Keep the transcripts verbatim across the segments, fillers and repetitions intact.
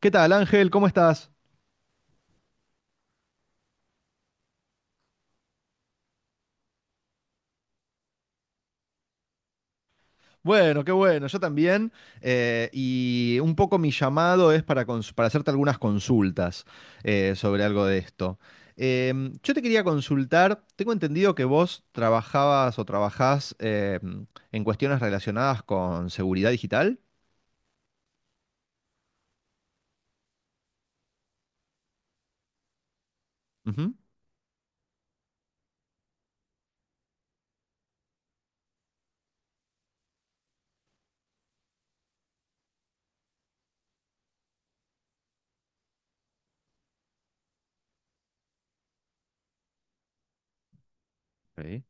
¿Qué tal, Ángel? ¿Cómo estás? Bueno, qué bueno, yo también. eh, y un poco mi llamado es para, cons- para hacerte algunas consultas eh, sobre algo de esto. Em, yo te quería consultar, tengo entendido que vos trabajabas o trabajás em, en cuestiones relacionadas con seguridad digital. Ujú. Sí.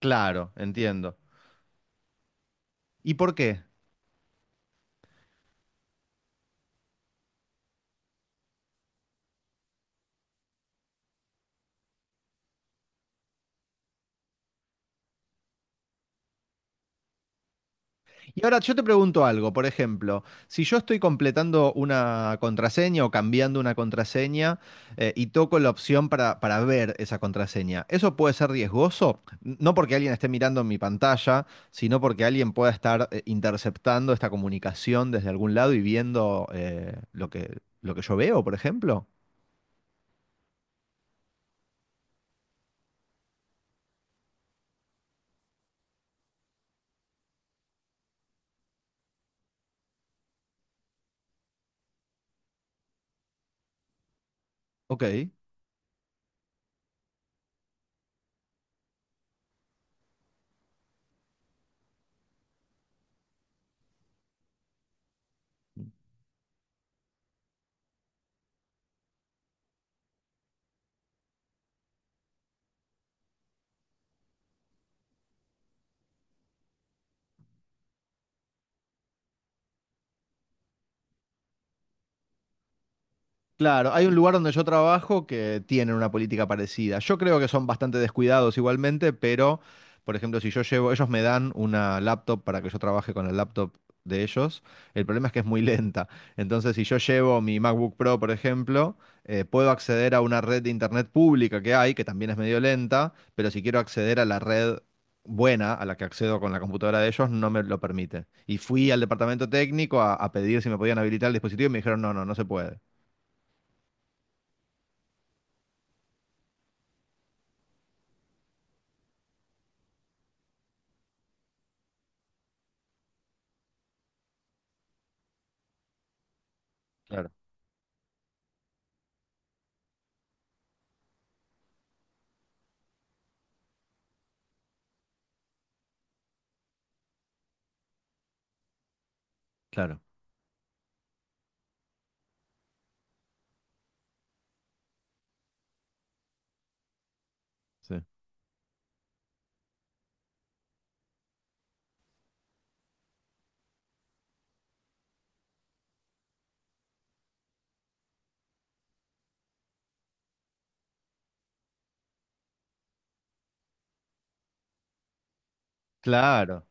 Claro, entiendo. ¿Y por qué? Y ahora yo te pregunto algo, por ejemplo, si yo estoy completando una contraseña o cambiando una contraseña eh, y toco la opción para, para ver esa contraseña, ¿eso puede ser riesgoso? No porque alguien esté mirando mi pantalla, sino porque alguien pueda estar eh, interceptando esta comunicación desde algún lado y viendo eh, lo que, lo que yo veo, por ejemplo. Ok. Claro, hay un lugar donde yo trabajo que tienen una política parecida. Yo creo que son bastante descuidados igualmente, pero, por ejemplo, si yo llevo, ellos me dan una laptop para que yo trabaje con el laptop de ellos, el problema es que es muy lenta. Entonces, si yo llevo mi MacBook Pro, por ejemplo, eh, puedo acceder a una red de internet pública que hay, que también es medio lenta, pero si quiero acceder a la red buena, a la que accedo con la computadora de ellos, no me lo permite. Y fui al departamento técnico a, a pedir si me podían habilitar el dispositivo y me dijeron, no, no, no se puede. Claro. Claro, sí. Claro.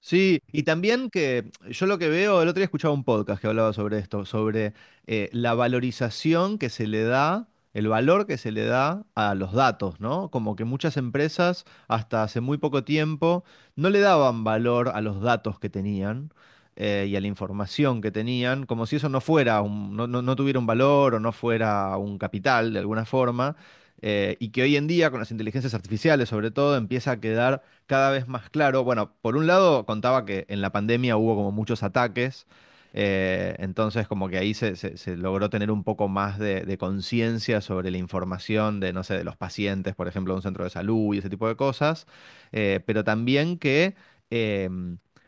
Sí, y también que yo lo que veo, el otro día escuchaba un podcast que hablaba sobre esto, sobre eh, la valorización que se le da, el valor que se le da a los datos, ¿no? Como que muchas empresas hasta hace muy poco tiempo no le daban valor a los datos que tenían eh, y a la información que tenían, como si eso no fuera un- no, no- no tuviera un valor o no fuera un capital de alguna forma, eh, y que hoy en día con las inteligencias artificiales sobre todo empieza a quedar cada vez más claro. Bueno, por un lado contaba que en la pandemia hubo como muchos ataques, eh, entonces como que ahí se, se- se logró tener un poco más de, de conciencia sobre la información de, no sé, de los pacientes, por ejemplo, de un centro de salud y ese tipo de cosas. Eh, pero también que eh,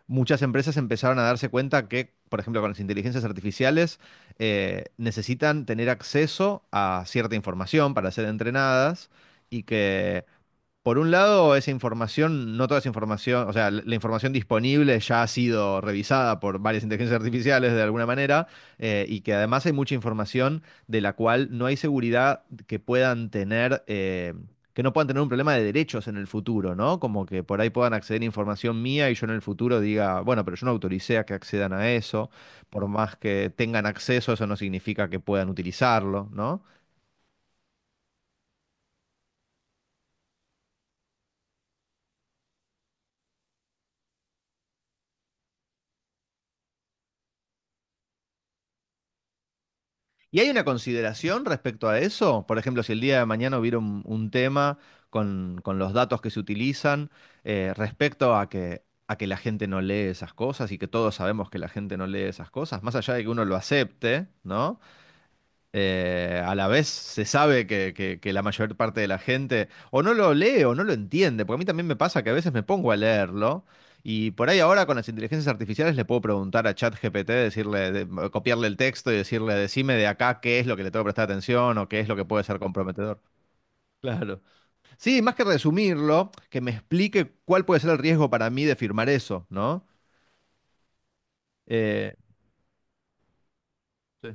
muchas empresas empezaron a darse cuenta que, por ejemplo, con las inteligencias artificiales, eh, necesitan tener acceso a cierta información para ser entrenadas y que por un lado, esa información, no toda esa información, o sea, la la información disponible ya ha sido revisada por varias inteligencias artificiales de alguna manera, eh, y que además hay mucha información de la cual no hay seguridad que puedan tener, eh, que no puedan tener un problema de derechos en el futuro, ¿no? Como que por ahí puedan acceder a información mía y yo en el futuro diga, bueno, pero yo no autoricé a que accedan a eso, por más que tengan acceso, eso no significa que puedan utilizarlo, ¿no? ¿Y hay una consideración respecto a eso? Por ejemplo, si el día de mañana hubiera un, un tema con, con los datos que se utilizan eh, respecto a que, a que la gente no lee esas cosas y que todos sabemos que la gente no lee esas cosas, más allá de que uno lo acepte, ¿no? Eh, a la vez se sabe que, que- que la mayor parte de la gente o no lo lee o no lo entiende, porque a mí también me pasa que a veces me pongo a leerlo y por ahí ahora con las inteligencias artificiales le puedo preguntar a ChatGPT, decirle, de- copiarle el texto y decirle, decime de acá qué es lo que le tengo que prestar atención o qué es lo que puede ser comprometedor. Claro. Sí, más que resumirlo, que me explique cuál puede ser el riesgo para mí de firmar eso, ¿no? Eh, Sí.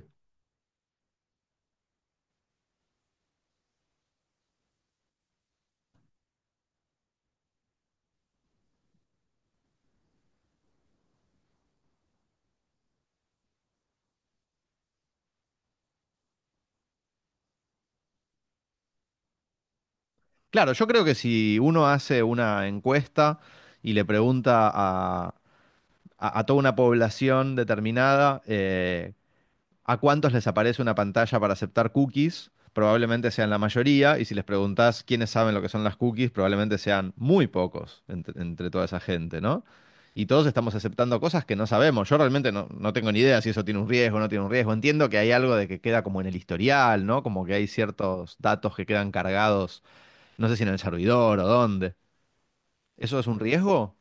Claro, yo creo que si uno hace una encuesta y le pregunta a, a toda una población determinada, eh, a cuántos les aparece una pantalla para aceptar cookies, probablemente sean la mayoría, y si les preguntás quiénes saben lo que son las cookies, probablemente sean muy pocos entre, entre toda esa gente, ¿no? Y todos estamos aceptando cosas que no sabemos. Yo realmente no, no tengo ni idea si eso tiene un riesgo o no tiene un riesgo. Entiendo que hay algo de que queda como en el historial, ¿no? Como que hay ciertos datos que quedan cargados, no sé si en el servidor o dónde. ¿Eso es un riesgo?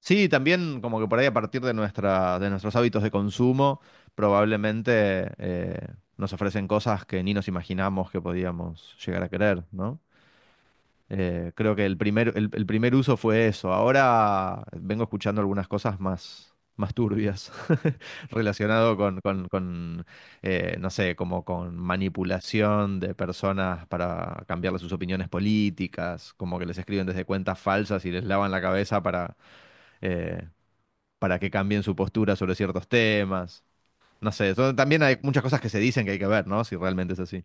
Sí, también como que por ahí a partir de nuestra, de nuestros hábitos de consumo, probablemente eh, nos ofrecen cosas que ni nos imaginamos que podíamos llegar a querer, ¿no? Eh, creo que el primer, el, el primer uso fue eso. Ahora vengo escuchando algunas cosas más, más turbias relacionado con, con, con, eh, no sé, como con manipulación de personas para cambiarle sus opiniones políticas, como que les escriben desde cuentas falsas y les lavan la cabeza para... eh, para que cambien su postura sobre ciertos temas. No sé, son- también hay muchas cosas que se dicen que hay que ver, ¿no? Si realmente es así.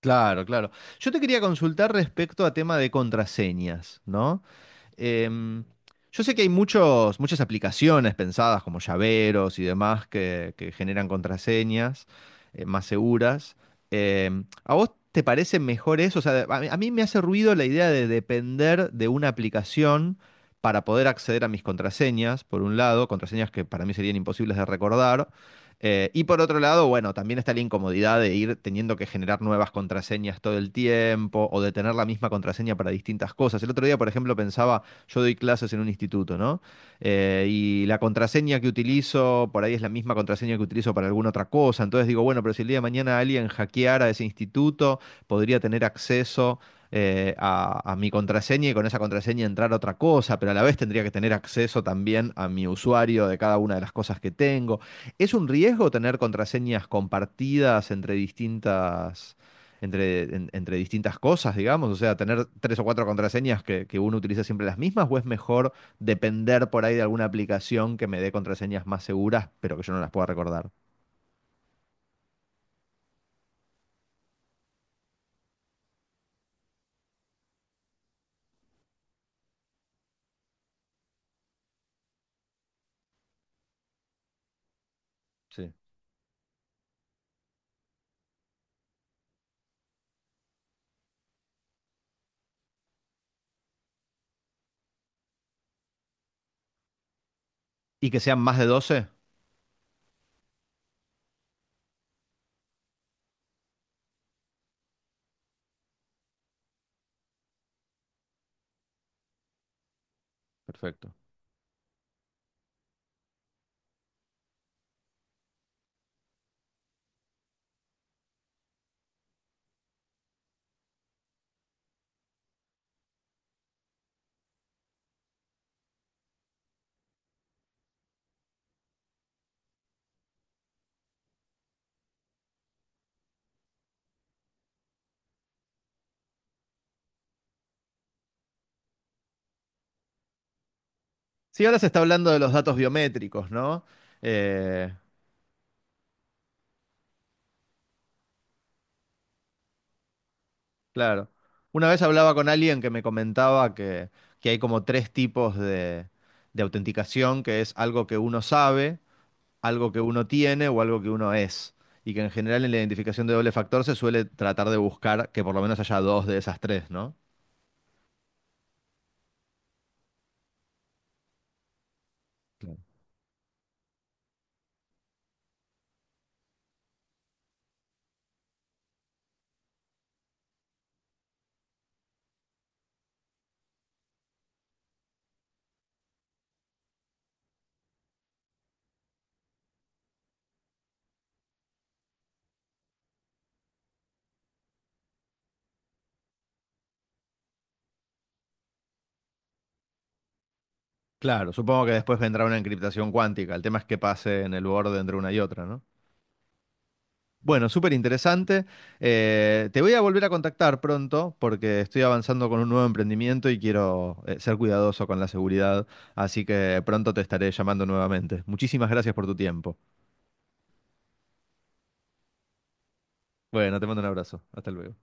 Claro, claro. Yo te quería consultar respecto a tema de contraseñas, ¿no? Em, yo sé que hay muchos, muchas aplicaciones pensadas como llaveros y demás que, que generan contraseñas eh, más seguras. Em, ¿a vos te parece mejor eso? O sea, a mí, a mí me hace ruido la idea de depender de una aplicación para poder acceder a mis contraseñas, por un lado, contraseñas que para mí serían imposibles de recordar. Eh, y por otro lado, bueno, también está la incomodidad de ir teniendo que generar nuevas contraseñas todo el tiempo o de tener la misma contraseña para distintas cosas. El otro día, por ejemplo, pensaba yo doy clases en un instituto, ¿no? Eh, y la contraseña que utilizo por ahí es la misma contraseña que utilizo para alguna otra cosa. Entonces digo, bueno, pero si el día de mañana alguien hackeara ese instituto, podría tener acceso eh, a, a mi contraseña y con esa contraseña entrar a otra cosa, pero a la vez tendría que tener acceso también a mi usuario de cada una de las cosas que tengo. ¿Es un riesgo tener contraseñas compartidas entre distintas entre, en- entre distintas cosas, digamos? O sea, tener tres o cuatro contraseñas que, que uno utiliza siempre las mismas, o es mejor depender por ahí de alguna aplicación que me dé contraseñas más seguras, pero que yo no las pueda recordar. Sí, ¿y que sean más de doce? Perfecto. Sí, ahora se está hablando de los datos biométricos, ¿no? Eh, claro. Una vez hablaba con alguien que me comentaba que, que hay como tres tipos de, de autenticación, que es algo que uno sabe, algo que uno tiene o algo que uno es. Y que en general en la identificación de doble factor se suele tratar de buscar que por lo menos haya dos de esas tres, ¿no? Claro. Claro, supongo que después vendrá una encriptación cuántica. El tema es que pase en el borde entre una y otra, ¿no? Bueno, súper interesante. Eh, te voy a volver a contactar pronto porque estoy avanzando con un nuevo emprendimiento y quiero eh, ser cuidadoso con la seguridad. Así que pronto te estaré llamando nuevamente. Muchísimas gracias por tu tiempo. Bueno, te mando un abrazo. Hasta luego.